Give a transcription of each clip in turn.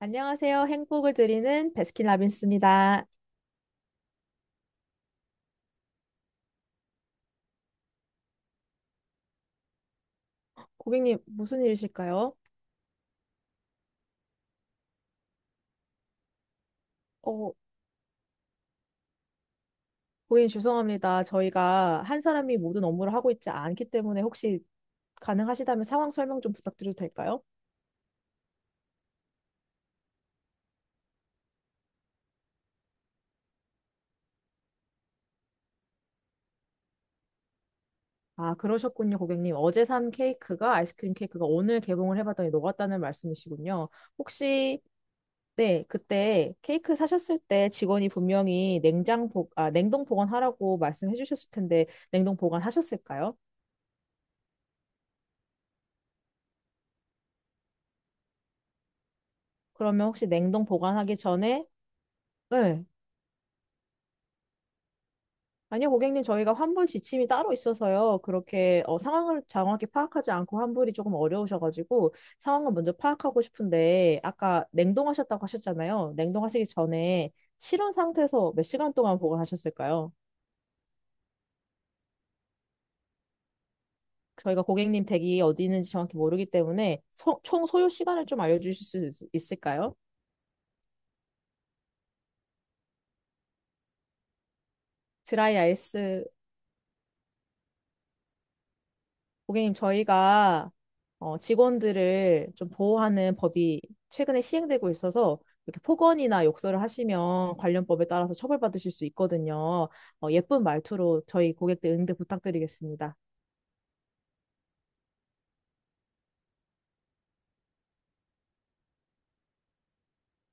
안녕하세요. 행복을 드리는 베스킨라빈스입니다. 고객님, 무슨 일이실까요? 어, 고객님 죄송합니다. 저희가 한 사람이 모든 업무를 하고 있지 않기 때문에 혹시 가능하시다면 상황 설명 좀 부탁드려도 될까요? 아, 그러셨군요, 고객님. 어제 산 케이크가 아이스크림 케이크가 오늘 개봉을 해봤더니 녹았다는 말씀이시군요. 혹시 네, 그때 케이크 사셨을 때 직원이 분명히 냉동 보관하라고 말씀해 주셨을 텐데 냉동 보관하셨을까요? 그러면 혹시 냉동 보관하기 전에 네. 아니요, 고객님, 저희가 환불 지침이 따로 있어서요. 그렇게 상황을 정확히 파악하지 않고 환불이 조금 어려우셔가지고 상황을 먼저 파악하고 싶은데 아까 냉동하셨다고 하셨잖아요. 냉동하시기 전에 실온 상태에서 몇 시간 동안 보관하셨을까요? 저희가 고객님 댁이 어디 있는지 정확히 모르기 때문에 총 소요 시간을 좀 알려주실 수 있을까요? 드라이 아이스 고객님, 저희가 직원들을 좀 보호하는 법이 최근에 시행되고 있어서 이렇게 폭언이나 욕설을 하시면 관련 법에 따라서 처벌받으실 수 있거든요. 예쁜 말투로 저희 고객들 응대 부탁드리겠습니다.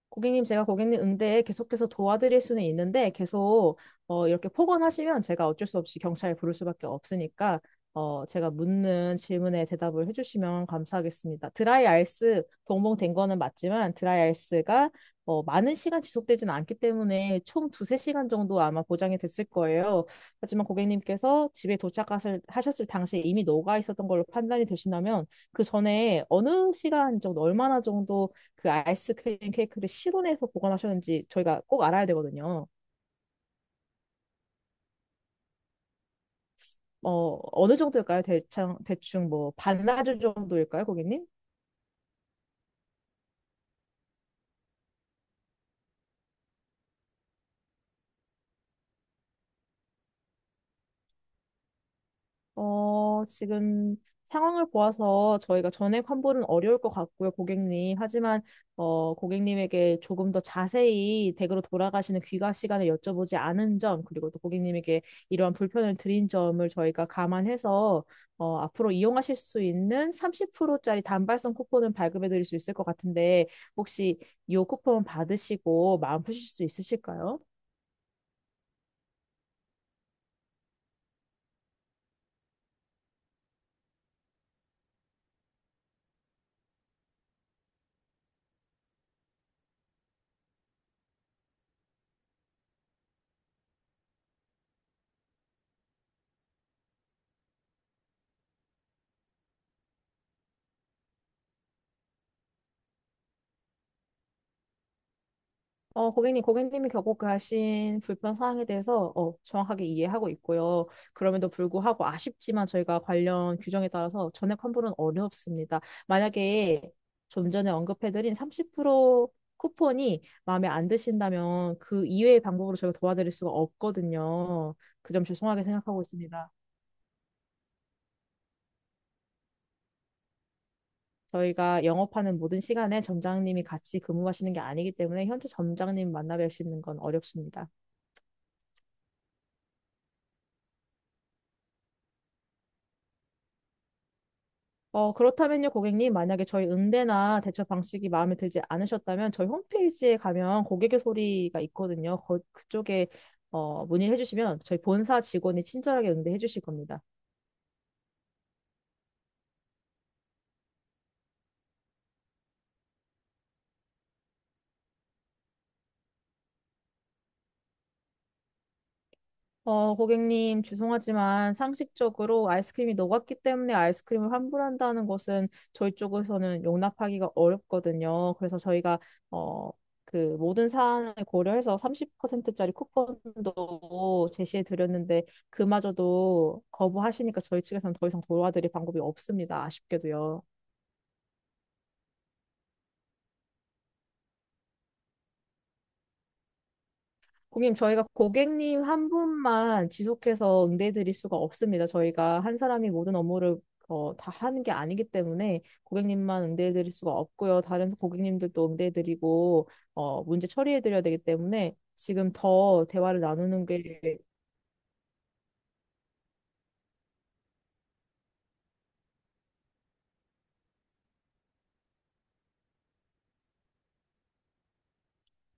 고객님, 제가 고객님 응대에 계속해서 도와드릴 수는 있는데 계속 이렇게 폭언하시면 제가 어쩔 수 없이 경찰에 부를 수밖에 없으니까 제가 묻는 질문에 대답을 해주시면 감사하겠습니다. 드라이 아이스 동봉된 거는 맞지만 드라이 아이스가 많은 시간 지속되진 않기 때문에 총 두세 시간 정도 아마 보장이 됐을 거예요. 하지만 고객님께서 집에 도착하셨을 하셨을 당시에 이미 녹아 있었던 걸로 판단이 되신다면 그 전에 어느 시간 정도, 얼마나 정도 그 아이스크림 케이크를 실온에서 보관하셨는지 저희가 꼭 알아야 되거든요. 어느 정도일까요? 대충, 뭐, 반나절 정도일까요, 고객님? 지금 상황을 보아서 저희가 전액 환불은 어려울 것 같고요, 고객님. 하지만, 고객님에게 조금 더 자세히 댁으로 돌아가시는 귀가 시간에 여쭤보지 않은 점, 그리고 또 고객님에게 이러한 불편을 드린 점을 저희가 감안해서, 앞으로 이용하실 수 있는 30%짜리 단발성 쿠폰을 발급해 드릴 수 있을 것 같은데, 혹시 이 쿠폰 받으시고 마음 푸실 수 있으실까요? 고객님, 고객님이 겪어가신 불편 사항에 대해서 정확하게 이해하고 있고요. 그럼에도 불구하고 아쉽지만 저희가 관련 규정에 따라서 전액 환불은 어렵습니다. 만약에 좀 전에 언급해드린 30% 쿠폰이 마음에 안 드신다면 그 이외의 방법으로 저희가 도와드릴 수가 없거든요. 그 점 죄송하게 생각하고 있습니다. 저희가 영업하는 모든 시간에 점장님이 같이 근무하시는 게 아니기 때문에 현재 점장님 만나 뵙시는 건 어렵습니다. 그렇다면요, 고객님, 만약에 저희 응대나 대처 방식이 마음에 들지 않으셨다면 저희 홈페이지에 가면 고객의 소리가 있거든요. 그쪽에 문의를 해주시면 저희 본사 직원이 친절하게 응대해 주실 겁니다. 고객님, 죄송하지만 상식적으로 아이스크림이 녹았기 때문에 아이스크림을 환불한다는 것은 저희 쪽에서는 용납하기가 어렵거든요. 그래서 저희가, 어, 그 모든 사안을 고려해서 30%짜리 쿠폰도 제시해 드렸는데 그마저도 거부하시니까 저희 측에서는 더 이상 도와드릴 방법이 없습니다. 아쉽게도요. 고객님, 저희가 고객님 한 분만 지속해서 응대해 드릴 수가 없습니다. 저희가 한 사람이 모든 업무를 다 하는 게 아니기 때문에 고객님만 응대해 드릴 수가 없고요. 다른 고객님들도 응대해 드리고 문제 처리해 드려야 되기 때문에 지금 더 대화를 나누는 게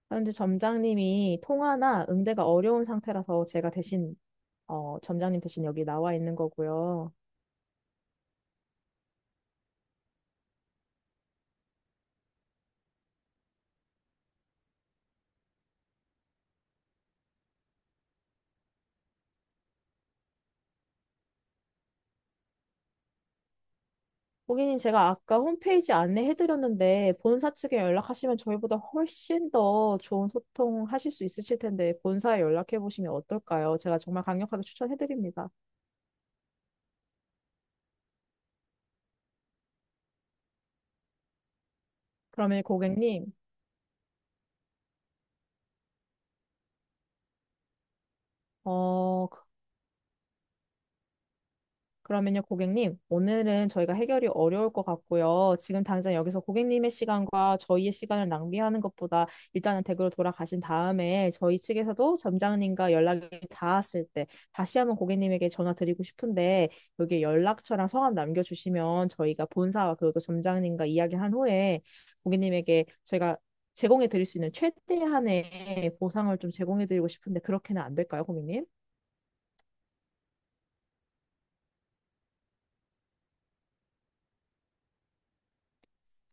현재 점장님이 통화나 응대가 어려운 상태라서 제가 대신 점장님 대신 여기 나와 있는 거고요. 고객님, 제가 아까 홈페이지 안내해드렸는데, 본사 측에 연락하시면 저희보다 훨씬 더 좋은 소통하실 수 있으실 텐데, 본사에 연락해보시면 어떨까요? 제가 정말 강력하게 추천해드립니다. 그러면 고객님, 어, 그러면요, 고객님, 오늘은 저희가 해결이 어려울 것 같고요. 지금 당장 여기서 고객님의 시간과 저희의 시간을 낭비하는 것보다 일단은 댁으로 돌아가신 다음에 저희 측에서도 점장님과 연락이 닿았을 때 다시 한번 고객님에게 전화 드리고 싶은데 여기에 연락처랑 성함 남겨주시면 저희가 본사와 그리고 또 점장님과 이야기한 후에 고객님에게 저희가 제공해 드릴 수 있는 최대한의 보상을 좀 제공해 드리고 싶은데 그렇게는 안 될까요, 고객님?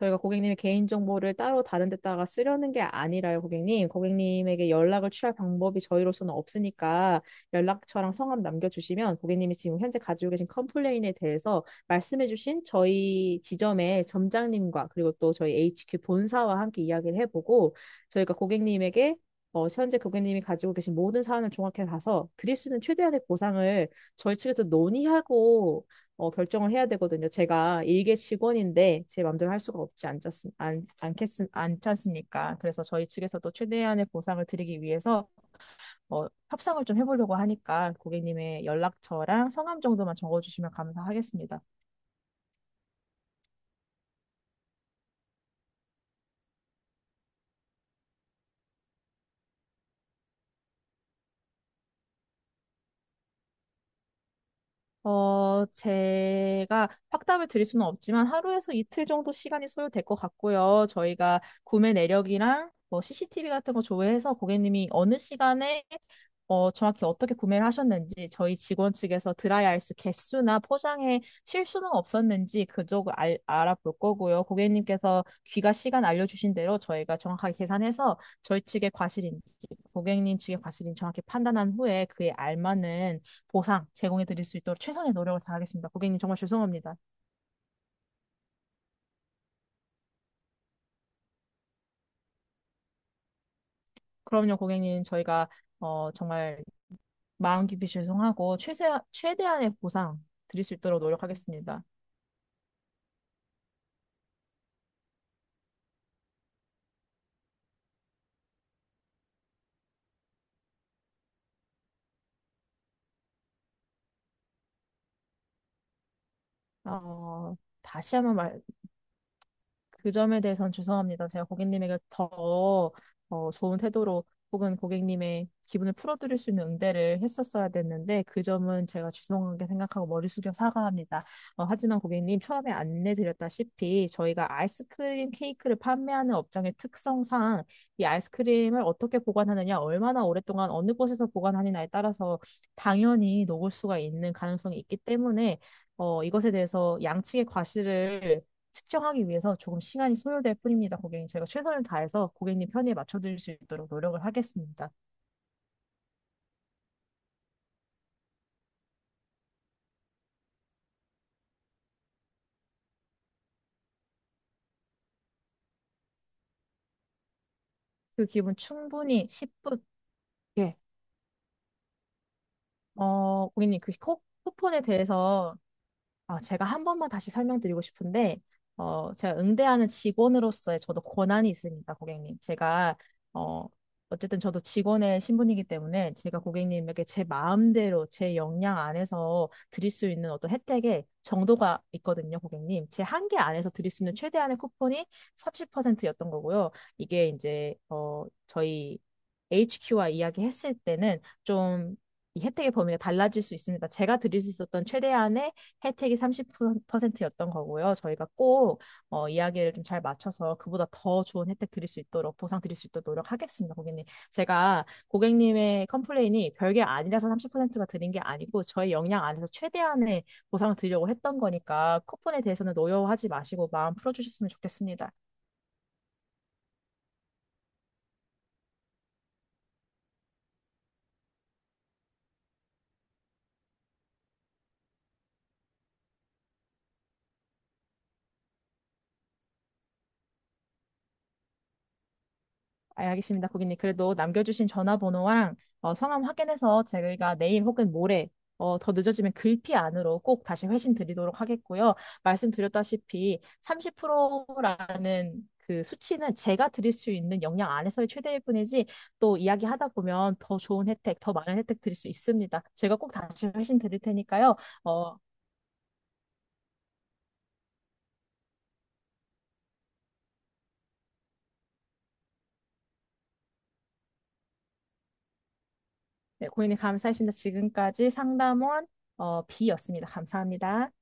저희가 고객님의 개인정보를 따로 다른 데다가 쓰려는 게 아니라요, 고객님. 고객님에게 연락을 취할 방법이 저희로서는 없으니까 연락처랑 성함 남겨주시면 고객님이 지금 현재 가지고 계신 컴플레인에 대해서 말씀해주신 저희 지점의 점장님과 그리고 또 저희 HQ 본사와 함께 이야기를 해보고 저희가 고객님에게 현재 고객님이 가지고 계신 모든 사안을 종합해 봐서 드릴 수 있는 최대한의 보상을 저희 측에서 논의하고 결정을 해야 되거든요. 제가 일개 직원인데 제 마음대로 할 수가 없지 않겠습, 안, 않겠, 않지 않습니까? 그래서 저희 측에서도 최대한의 보상을 드리기 위해서 협상을 좀 해보려고 하니까 고객님의 연락처랑 성함 정도만 적어주시면 감사하겠습니다. 제가 확답을 드릴 수는 없지만 하루에서 이틀 정도 시간이 소요될 것 같고요. 저희가 구매 내력이랑 뭐 CCTV 같은 거 조회해서 고객님이 어느 시간에 정확히 어떻게 구매를 하셨는지 저희 직원 측에서 드라이 아이스 개수나 포장에 실수는 없었는지 그쪽을 아볼 거고요. 고객님께서 귀가 시간 알려주신 대로 저희가 정확하게 계산해서 저희 측의 과실인지 고객님 측의 과실인지 정확히 판단한 후에 그에 알맞는 보상 제공해 드릴 수 있도록 최선의 노력을 다하겠습니다. 고객님 정말 죄송합니다. 그럼요, 고객님 저희가 정말 마음 깊이 죄송하고 최대한의 보상 드릴 수 있도록 노력하겠습니다. 어, 다시 한번 말, 그 점에 대해서는 죄송합니다. 제가 고객님에게 더 좋은 태도로 혹은 고객님의 기분을 풀어드릴 수 있는 응대를 했었어야 됐는데 그 점은 제가 죄송하게 생각하고 머리 숙여 사과합니다. 하지만 고객님 처음에 안내드렸다시피 저희가 아이스크림 케이크를 판매하는 업장의 특성상 이 아이스크림을 어떻게 보관하느냐, 얼마나 오랫동안 어느 곳에서 보관하느냐에 따라서 당연히 녹을 수가 있는 가능성이 있기 때문에 이것에 대해서 양측의 과실을 측정하기 위해서 조금 시간이 소요될 뿐입니다, 고객님. 제가 최선을 다해서 고객님 편의에 맞춰드릴 수 있도록 노력을 하겠습니다. 그 기분 충분히 10분, 예. 고객님, 그 쿠폰에 대해서 제가 한 번만 다시 설명드리고 싶은데, 제가 응대하는 직원으로서의 저도 권한이 있습니다, 고객님. 제가, 어, 어쨌든 저도 직원의 신분이기 때문에 제가 고객님에게 제 마음대로 제 역량 안에서 드릴 수 있는 어떤 혜택의 정도가 있거든요, 고객님. 제 한계 안에서 드릴 수 있는 최대한의 쿠폰이 30%였던 거고요. 이게 이제, 저희 HQ와 이야기했을 때는 좀 이 혜택의 범위가 달라질 수 있습니다. 제가 드릴 수 있었던 최대한의 혜택이 30%였던 거고요. 저희가 꼭 이야기를 좀 잘 맞춰서 그보다 더 좋은 혜택 드릴 수 있도록 보상 드릴 수 있도록 노력하겠습니다, 고객님. 제가 고객님의 컴플레인이 별게 아니라서 30%가 드린 게 아니고 저희 역량 안에서 최대한의 보상을 드리려고 했던 거니까 쿠폰에 대해서는 노여워하지 마시고 마음 풀어주셨으면 좋겠습니다. 알겠습니다, 고객님. 그래도 남겨주신 전화번호랑 성함 확인해서 저희가 내일 혹은 모레 더 늦어지면 글피 안으로 꼭 다시 회신 드리도록 하겠고요. 말씀드렸다시피 30%라는 그 수치는 제가 드릴 수 있는 역량 안에서의 최대일 뿐이지 또 이야기하다 보면 더 좋은 혜택, 더 많은 혜택 드릴 수 있습니다. 제가 꼭 다시 회신 드릴 테니까요. 어, 네, 고객님 감사했습니다. 지금까지 상담원 B였습니다. 감사합니다.